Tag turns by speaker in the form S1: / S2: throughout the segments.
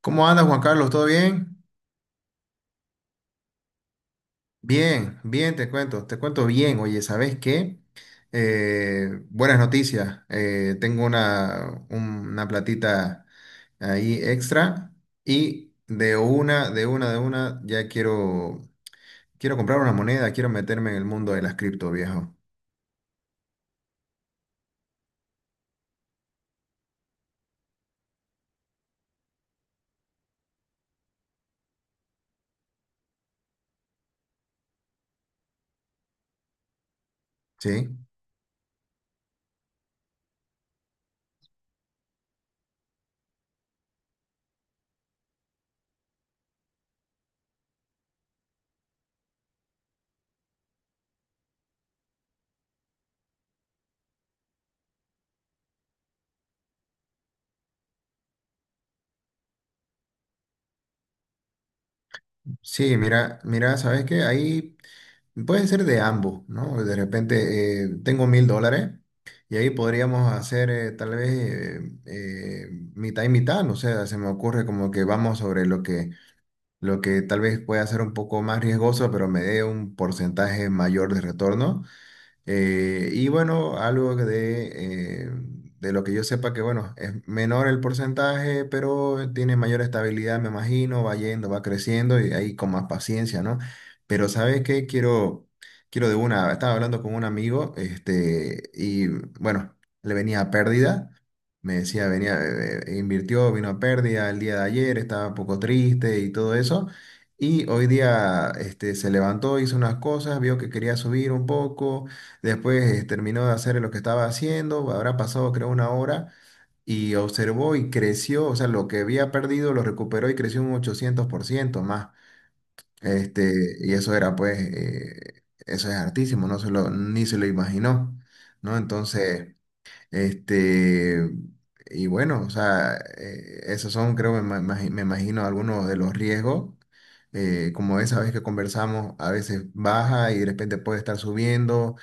S1: ¿Cómo andas, Juan Carlos? ¿Todo bien? Bien, bien, te cuento bien. Oye, ¿sabes qué? Buenas noticias. Tengo una platita ahí extra y de una, ya quiero comprar una moneda, quiero meterme en el mundo de las cripto, viejo. Sí, sí, mira, mira, ¿sabes qué? Ahí puede ser de ambos, ¿no? De repente, tengo $1.000 y ahí podríamos hacer, tal vez, mitad y mitad, no sé, se me ocurre como que vamos sobre lo que tal vez pueda ser un poco más riesgoso, pero me dé un porcentaje mayor de retorno. Y bueno, algo de lo que yo sepa que, bueno, es menor el porcentaje, pero tiene mayor estabilidad, me imagino, va yendo, va creciendo y ahí con más paciencia, ¿no? Pero ¿sabes qué? Quiero de una, estaba hablando con un amigo, este, y bueno, le venía a pérdida. Me decía, venía, invirtió, vino a pérdida el día de ayer, estaba un poco triste y todo eso. Y hoy día, este, se levantó, hizo unas cosas, vio que quería subir un poco. Después, terminó de hacer lo que estaba haciendo, habrá pasado creo una hora y observó y creció, o sea, lo que había perdido lo recuperó y creció un 800% más. Este, y eso era pues, eso es hartísimo, no se lo, ni se lo imaginó, ¿no? Entonces... Este, y bueno, o sea, esos son, creo, me imagino, algunos de los riesgos. Como esa vez que conversamos, a veces baja y de repente puede estar subiendo.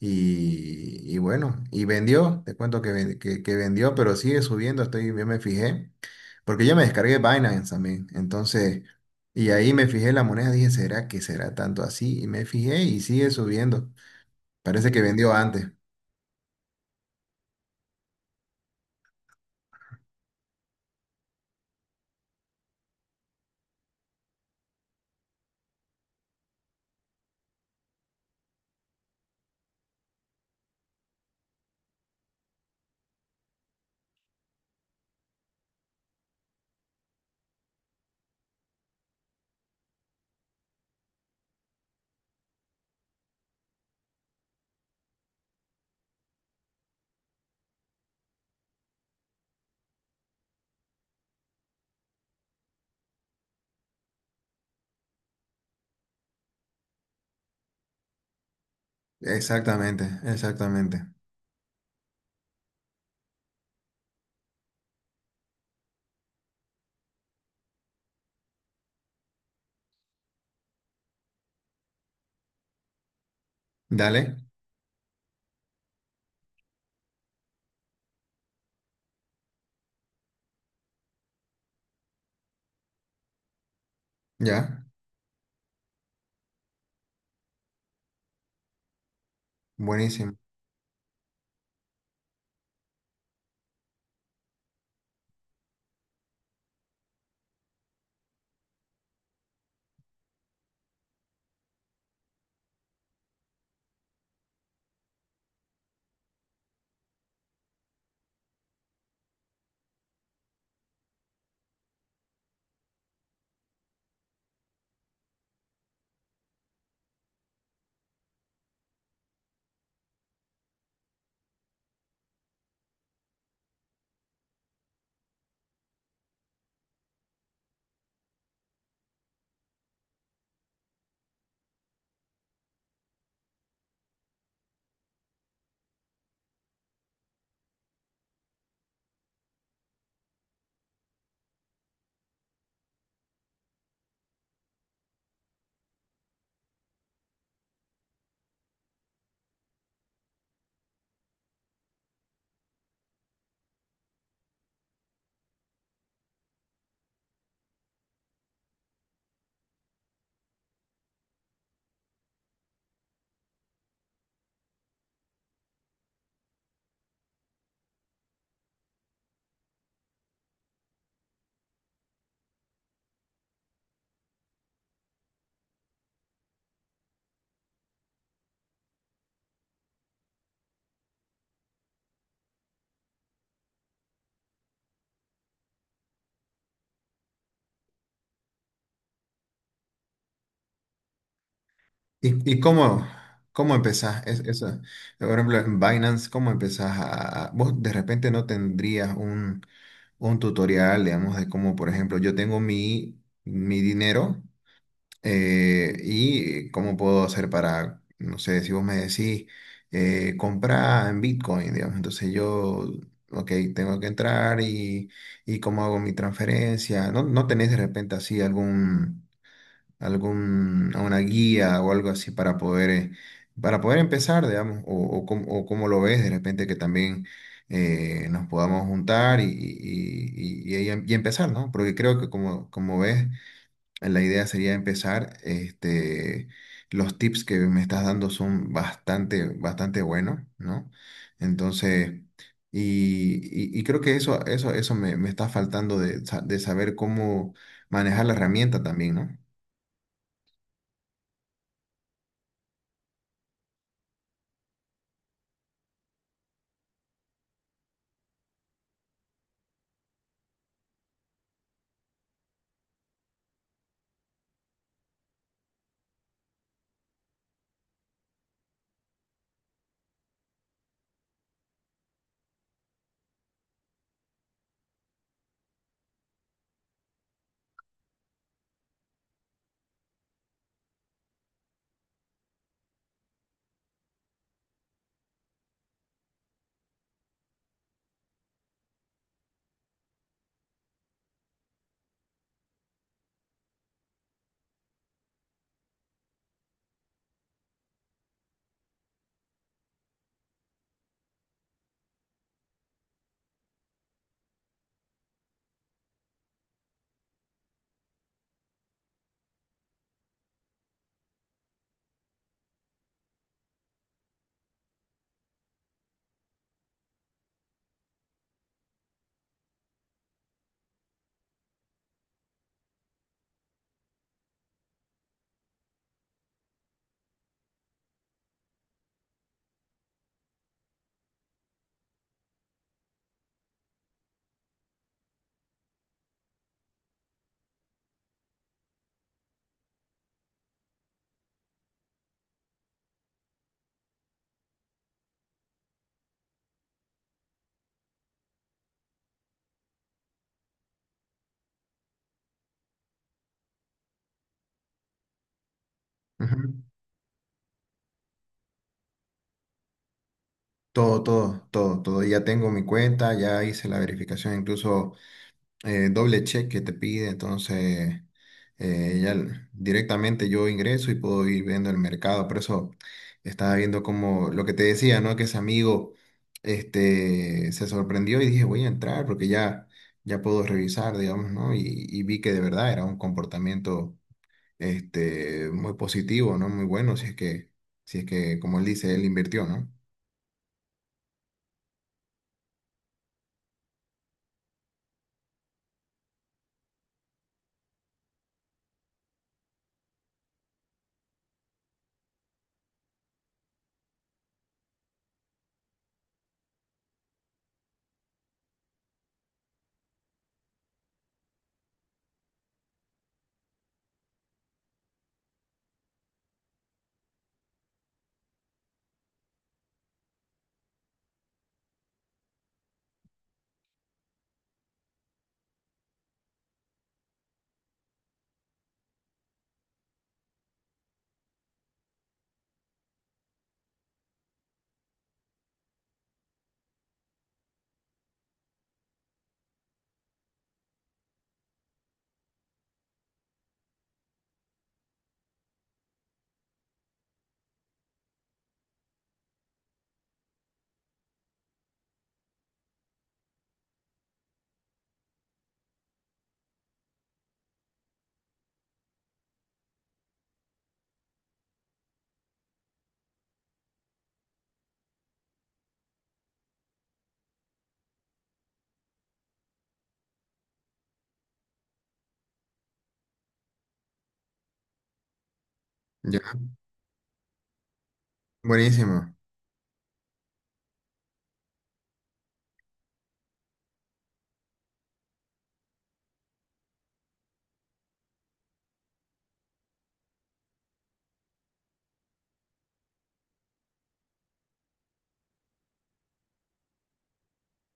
S1: Y bueno, y vendió, te cuento que, que vendió, pero sigue subiendo, yo me fijé, porque yo me descargué Binance también. Entonces, y ahí me fijé la moneda, dije, ¿será que será tanto así? Y me fijé y sigue subiendo. Parece que vendió antes. Exactamente, exactamente. Dale, ya, buenísimo. ¿Y cómo, cómo empezás? Eso, por ejemplo, en Binance, ¿cómo empezás a... Vos de repente no tendrías un tutorial, digamos, de cómo, por ejemplo, yo tengo mi dinero, y cómo puedo hacer para, no sé, si vos me decís, comprar en Bitcoin, digamos, entonces yo, ok, tengo que entrar y, cómo hago mi transferencia. ¿No, no tenés de repente así algún... a una guía o algo así para poder empezar, digamos, o cómo lo ves de repente que también, nos podamos juntar empezar, ¿no? Porque creo que como, como ves, la idea sería empezar, este, los tips que me estás dando son bastante, bastante buenos, ¿no? Entonces... Y creo que eso me está faltando de, de saber cómo manejar la herramienta también, ¿no? Ujú. Todo, todo, todo, todo. Ya tengo mi cuenta, ya hice la verificación, incluso doble check que te pide, entonces ya directamente yo ingreso y puedo ir viendo el mercado. Por eso estaba viendo como lo que te decía, ¿no? Que ese amigo, este, se sorprendió y dije, voy a entrar porque ya puedo revisar, digamos, ¿no? Y vi que de verdad era un comportamiento, este, muy positivo, ¿no? Muy bueno, si es que, como él dice, él invirtió, ¿no? Ya, buenísimo.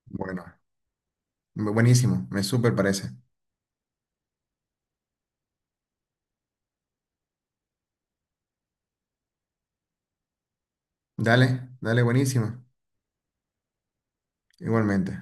S1: Bueno, buenísimo, me súper parece. Dale, dale, buenísimo. Igualmente.